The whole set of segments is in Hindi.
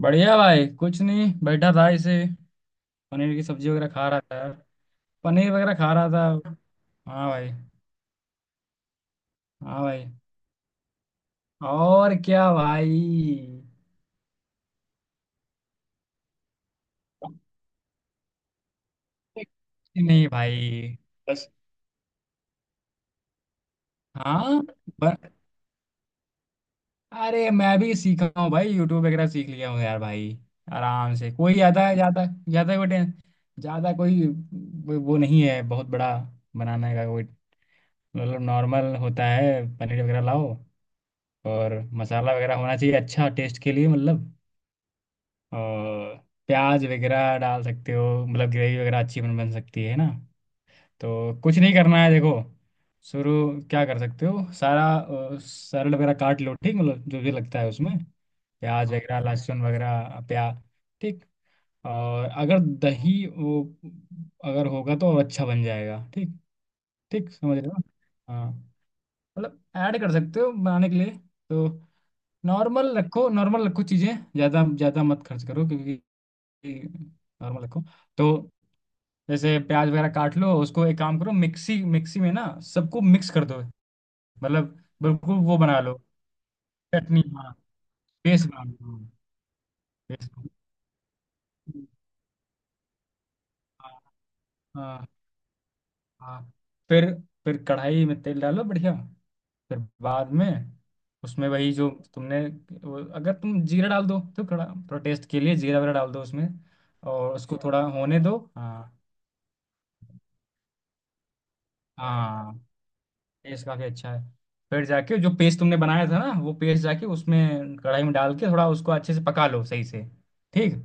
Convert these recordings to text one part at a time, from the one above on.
बढ़िया भाई। कुछ नहीं बैठा था इसे। पनीर की सब्जी वगैरह खा रहा था। पनीर वगैरह खा रहा था। हाँ भाई। हाँ भाई। और क्या भाई। नहीं भाई। बस। हाँ। ब- अरे मैं भी सीखा हूँ भाई, यूट्यूब वगैरह सीख लिया हूँ यार भाई। आराम से, कोई ज्यादा ज्यादा ज्यादा कोई ज्यादा कोई कोई वो नहीं है बहुत बड़ा बनाने का कोई। मतलब नॉर्मल होता है, पनीर वगैरह लाओ और मसाला वगैरह होना चाहिए अच्छा टेस्ट के लिए। मतलब और प्याज वगैरह डाल सकते हो, मतलब ग्रेवी वगैरह अच्छी बन बन सकती है ना। तो कुछ नहीं करना है, देखो शुरू। क्या कर सकते हो, सारा सरल वगैरह काट लो ठीक, मतलब जो भी लगता है उसमें, प्याज हाँ वगैरह, लहसुन वगैरह प्या ठीक। और अगर दही वो अगर होगा तो और अच्छा बन जाएगा ठीक। ठीक समझ रहे हो। हाँ। मतलब ऐड कर सकते हो बनाने के लिए। तो नॉर्मल रखो, नॉर्मल रखो चीज़ें। ज़्यादा ज़्यादा मत खर्च करो क्योंकि नॉर्मल रखो। तो जैसे प्याज वगैरह काट लो उसको, एक काम करो, मिक्सी मिक्सी में ना सबको मिक्स कर दो। मतलब बिल्कुल वो बना लो, चटनी, हाँ। पेस्ट बना लो, पेस्ट। हाँ। हाँ। फिर फिर कढ़ाई में तेल डालो बढ़िया। फिर बाद में उसमें, वही जो तुमने, वो अगर तुम जीरा डाल दो तो कड़ा। थोड़ा टेस्ट के लिए जीरा वगैरह डाल दो उसमें। और उसको थोड़ा होने दो, हाँ। हाँ। टेस्ट काफ़ी अच्छा है। फिर जाके जो पेस्ट तुमने बनाया था ना, वो पेस्ट जाके उसमें कढ़ाई में डाल के थोड़ा उसको अच्छे से पका लो सही से। ठीक।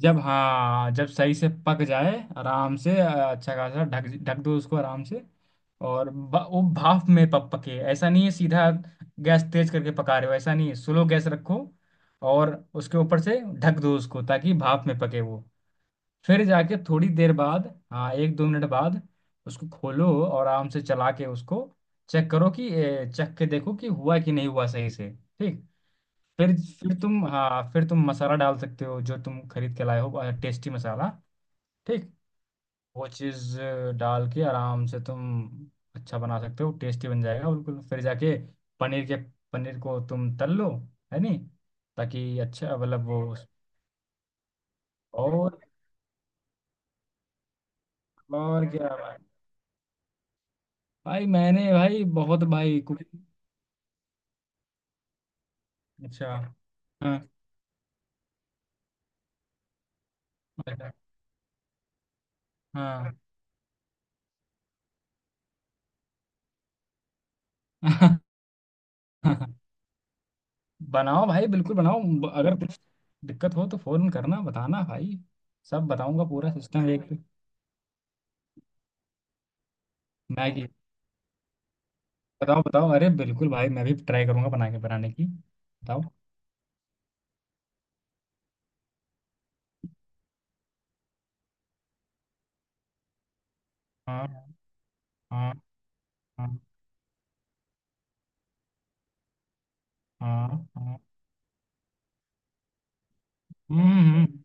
जब, हाँ, जब सही से पक जाए, आराम से अच्छा खासा ढक ढक दो उसको आराम से। और वो भाप में पक पके ऐसा नहीं है। सीधा गैस तेज करके पका रहे हो ऐसा नहीं है, स्लो गैस रखो और उसके ऊपर से ढक दो उसको ताकि भाप में पके वो। फिर जाके थोड़ी देर बाद, हाँ, एक दो मिनट बाद उसको खोलो और आराम से चला के उसको चेक करो कि चख के देखो कि हुआ कि नहीं हुआ सही से। ठीक। फिर फिर तुम, हाँ, फिर तुम मसाला डाल सकते हो जो तुम खरीद के लाए हो, टेस्टी मसाला। ठीक। वो चीज़ डाल के आराम से तुम अच्छा बना सकते हो, टेस्टी बन जाएगा बिल्कुल। फिर जाके पनीर के पनीर को तुम तल लो। है नहीं। ताकि अच्छा, मतलब वो। और और क्या भाई। भाई मैंने भाई बहुत भाई कुकिंग। अच्छा। हाँ। अच्छा। हाँ। बनाओ भाई बिल्कुल बनाओ, अगर कुछ दिक्कत हो तो फोन करना बताना भाई। सब बताऊंगा पूरा सिस्टम एक। मैगी। बताओ बताओ, अरे बिल्कुल भाई मैं भी ट्राई करूंगा बना के, बनाने की बताओ। हाँ। हाँ। हाँ। हाँ। हाँ। हम्म। हम्म।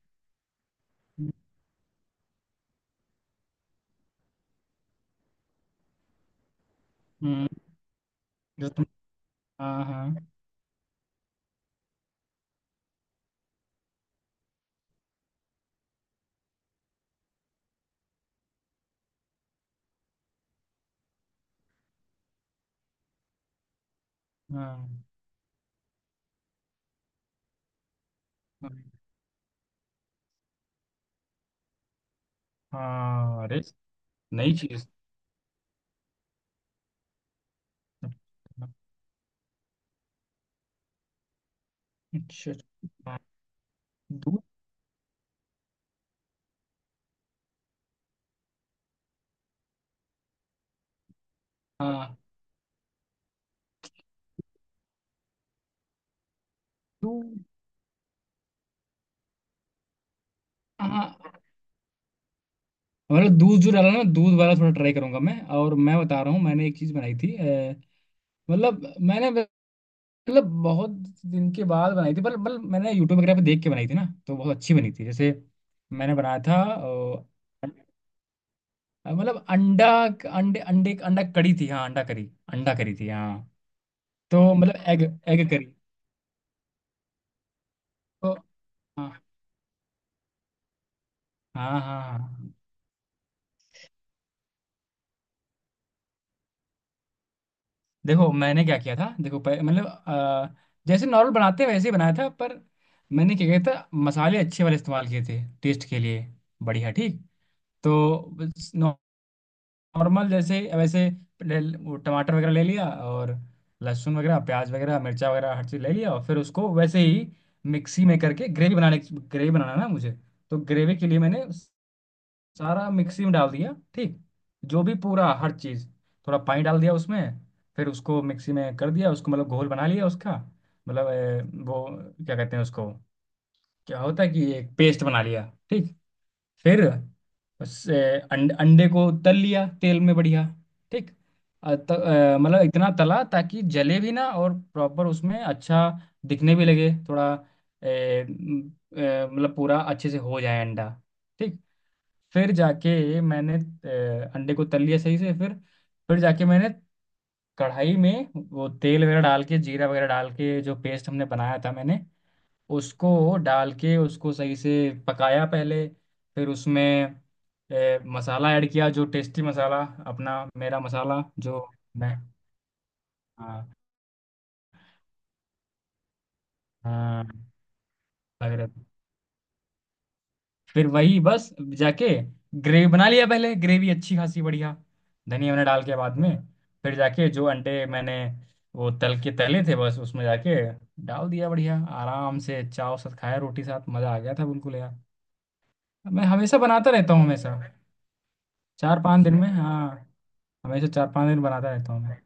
हम्म। जो तुम। हाँ। हाँ। हाँ। हाँ। हाँ, अरे नई चीज अच्छा। हाँ, दूध। हाँ। दूध। हाँ। हाँ। मतलब दूध जो डाला ना, दूध वाला थोड़ा ट्राई करूंगा मैं। और मैं बता रहा हूँ मैंने एक चीज़ बनाई थी, मतलब मैंने मतलब बहुत दिन के बाद बनाई थी पर, मतलब मैंने यूट्यूब वगैरह पे देख के बनाई थी ना तो बहुत अच्छी बनी थी। जैसे मैंने बनाया था मतलब अंडा अंडे अंडे अंडा करी थी, हाँ, अंडा करी। अंडा करी थी, हाँ। तो मतलब एग एग करी। तो हाँ। हाँ। हाँ। हाँ। देखो मैंने क्या किया था, देखो मतलब जैसे नॉर्मल बनाते हैं वैसे ही बनाया था, पर मैंने क्या किया था, मसाले अच्छे वाले इस्तेमाल किए थे टेस्ट के लिए, बढ़िया ठीक। तो नॉर्मल जैसे वैसे वो टमाटर वगैरह ले लिया, और लहसुन वगैरह, प्याज वगैरह, मिर्चा वगैरह, हर चीज़ ले लिया और फिर उसको वैसे ही मिक्सी में करके ग्रेवी बनाना है ना मुझे। तो ग्रेवी के लिए मैंने सारा मिक्सी में डाल दिया ठीक, जो भी पूरा हर चीज़। थोड़ा पानी डाल दिया उसमें। फिर उसको मिक्सी में कर दिया उसको, मतलब घोल बना लिया उसका। मतलब वो, क्या कहते हैं उसको, क्या होता है कि एक पेस्ट बना लिया। ठीक। फिर उस अंडे को तल लिया तेल में बढ़िया। ठीक। मतलब इतना तला ताकि जले भी ना और प्रॉपर उसमें अच्छा दिखने भी लगे थोड़ा। मतलब पूरा अच्छे से हो जाए अंडा। ठीक। फिर जाके मैंने अंडे को तल लिया सही से। फिर जाके मैंने कढ़ाई में वो तेल वगैरह डाल के, जीरा वगैरह डाल के, जो पेस्ट हमने बनाया था मैंने उसको डाल के उसको सही से पकाया पहले। फिर उसमें मसाला ऐड किया, जो टेस्टी मसाला अपना, मेरा मसाला जो मैं। हाँ। हाँ लग रहा था। फिर वही बस जाके ग्रेवी बना लिया पहले, ग्रेवी अच्छी खासी बढ़िया धनिया वनिया डाल के बाद में। फिर जाके जो अंडे मैंने वो तल के तले थे, बस उसमें जाके डाल दिया बढ़िया, आराम से चाव साथ खाया, रोटी साथ मज़ा आ गया था बिल्कुल यार। मैं हमेशा बनाता रहता हूँ हमेशा, 4-5 दिन में, हाँ। हमेशा 4-5 दिन बनाता रहता हूँ मैं।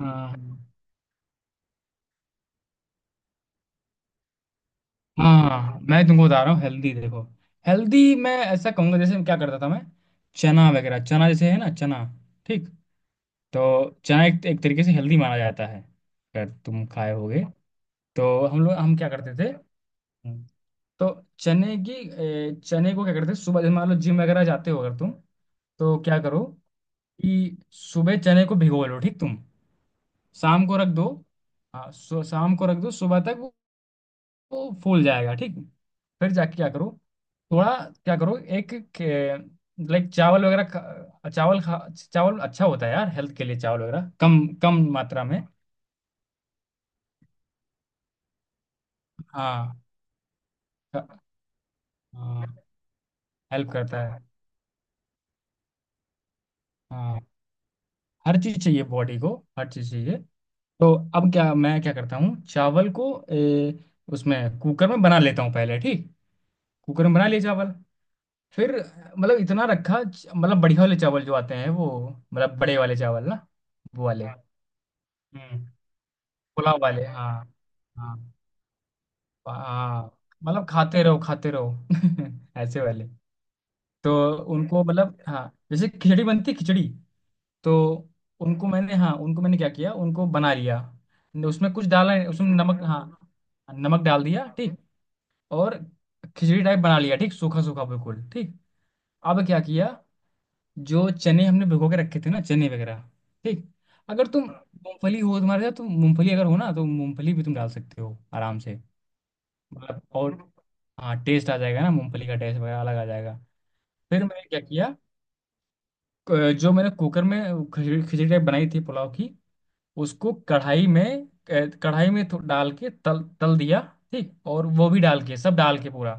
हाँ। हम्म। हाँ मैं तुमको बता रहा हूँ हेल्दी, देखो हेल्दी मैं ऐसा कहूँगा, जैसे क्या करता था मैं। चना वगैरह, चना जैसे है ना, चना। ठीक। तो चना एक तरीके से हेल्दी माना जाता है, अगर तुम खाए होगे। तो हम क्या करते थे। हम्म। तो चने की चने को क्या करते थे सुबह, जैसे मान लो जिम वगैरह जाते हो अगर तुम। तो क्या करो कि सुबह चने को भिगो लो ठीक तुम, शाम को रख दो। हाँ, शाम को रख दो सुबह तक। वो फूल जाएगा ठीक। फिर जाके क्या करो, थोड़ा क्या करो एक। लाइक चावल वगैरह चावल खा, चावल अच्छा होता है यार हेल्थ के लिए, चावल वगैरह कम कम मात्रा में। हाँ हाँ। हेल्प करता है। हाँ। हर चीज़ चाहिए बॉडी को, हर चीज़ चाहिए। तो अब क्या, मैं क्या करता हूँ, चावल को उसमें कुकर में बना लेता हूँ पहले, ठीक। कुकर में बना लिए चावल, फिर, मतलब इतना रखा मतलब बढ़िया वाले चावल जो आते हैं वो, मतलब बड़े वाले चावल ना, वो वाले। हम्म। पुलाव वाले, हाँ। हाँ, हाँ मतलब खाते रहो ऐसे वाले। तो उनको, मतलब, हाँ, जैसे खिचड़ी बनती है, खिचड़ी। तो उनको मैंने, हाँ, उनको मैंने क्या किया, उनको बना लिया। उसमें कुछ डाला है, उसमें नमक, हाँ। नमक डाल दिया ठीक। और खिचड़ी टाइप बना लिया ठीक, सूखा सूखा बिल्कुल, ठीक। अब क्या किया, जो चने हमने भिगो के रखे थे ना, चने वगैरह। ठीक। अगर तुम मूंगफली हो तुम्हारे साथ, तुम मूंगफली अगर हो ना तो मूंगफली भी तुम डाल सकते हो आराम से। मतलब और, हाँ टेस्ट आ जाएगा ना, मूंगफली का टेस्ट वगैरह अलग आ जाएगा। फिर मैंने क्या किया, जो मैंने कुकर में खिचड़ी खिचड़ी टाइप बनाई थी पुलाव की, उसको कढ़ाई में कढ़ाई में डाल के तल तल दिया ठीक। और वो भी डाल के, सब डाल के पूरा।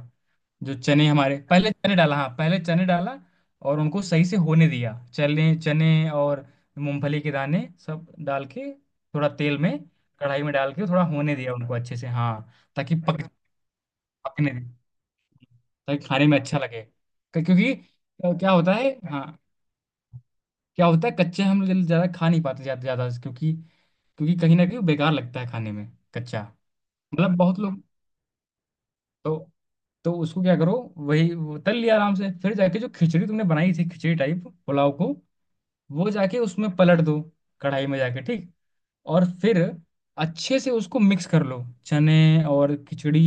जो चने हमारे पहले, चने डाला हाँ, पहले चने डाला और उनको सही से होने दिया, चने चने और मूंगफली के दाने, सब डाल के थोड़ा तेल में, कढ़ाई में डाल के थोड़ा होने दिया उनको अच्छे से, हाँ। ताकि पक पकने ताकि खाने में अच्छा लगे, क्योंकि क्या होता है, हाँ, क्या होता है कच्चे हम लोग ज्यादा खा नहीं पाते ज्यादा ज्यादा, क्योंकि क्योंकि कहीं ना कहीं वो बेकार लगता है खाने में, कच्चा। मतलब बहुत लोग। तो तो उसको क्या करो, वही वो तल लिया आराम से, फिर जाके जो खिचड़ी तुमने बनाई थी खिचड़ी टाइप पुलाव को, वो जाके उसमें पलट दो कढ़ाई में जाके ठीक। और फिर अच्छे से उसको मिक्स कर लो, चने और खिचड़ी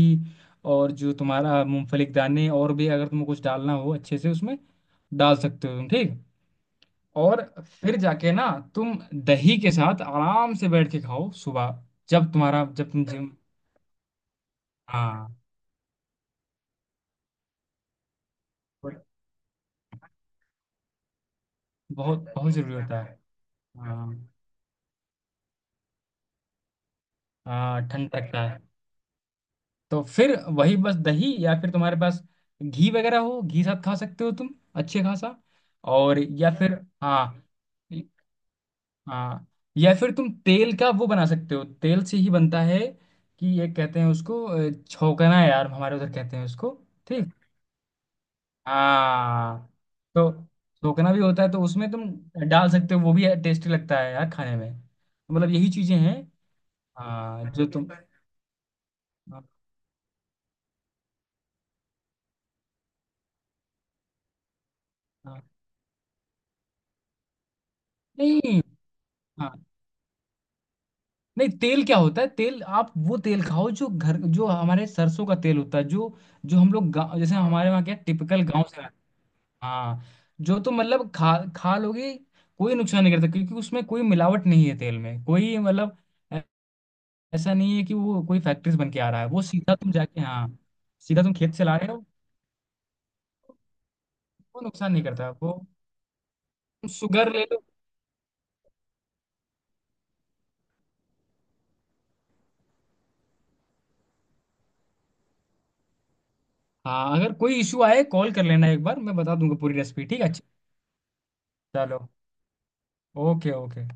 और जो तुम्हारा मूंगफली के दाने, और भी अगर तुम कुछ डालना हो अच्छे से उसमें डाल सकते हो तुम ठीक। और फिर जाके ना, तुम दही के साथ आराम से बैठ के खाओ सुबह, जब तुम्हारा जब तुम जिम। हाँ बहुत बहुत जरूरी होता है। हाँ। हाँ ठंड लगता है। तो फिर वही बस दही, या फिर तुम्हारे पास घी वगैरह हो, घी साथ खा सकते हो तुम अच्छे खासा। और या फिर, हाँ। हाँ। या फिर तुम तेल का वो बना सकते हो, तेल से ही बनता है, कि ये कहते हैं उसको छौंकना यार, हमारे उधर कहते हैं उसको। ठीक। हाँ। तो छौंकना भी होता है, तो उसमें तुम डाल सकते हो, वो भी टेस्टी लगता है यार खाने में। मतलब यही चीजें हैं। हाँ जो तुम। हाँ, हाँ। नहीं, हाँ। नहीं, तेल क्या होता है, तेल आप वो तेल खाओ जो घर, जो हमारे सरसों का तेल होता है जो जो हम लोग गाँव, जैसे हमारे वहाँ क्या टिपिकल गांव से आता है। हाँ जो, तो मतलब खा खा लोगे, कोई नुकसान नहीं करता क्योंकि उसमें कोई मिलावट नहीं है तेल में, कोई मतलब ऐ- ऐसा नहीं है कि वो कोई फैक्ट्री से बन के आ रहा है, वो सीधा तुम जाके, हाँ, सीधा तुम खेत से ला रहे हो, वो नुकसान नहीं करता वो। शुगर ले लो। हाँ अगर कोई इशू आए कॉल कर लेना, एक बार मैं बता दूंगा पूरी रेसिपी, ठीक है, अच्छा। चलो। ओके। ओके।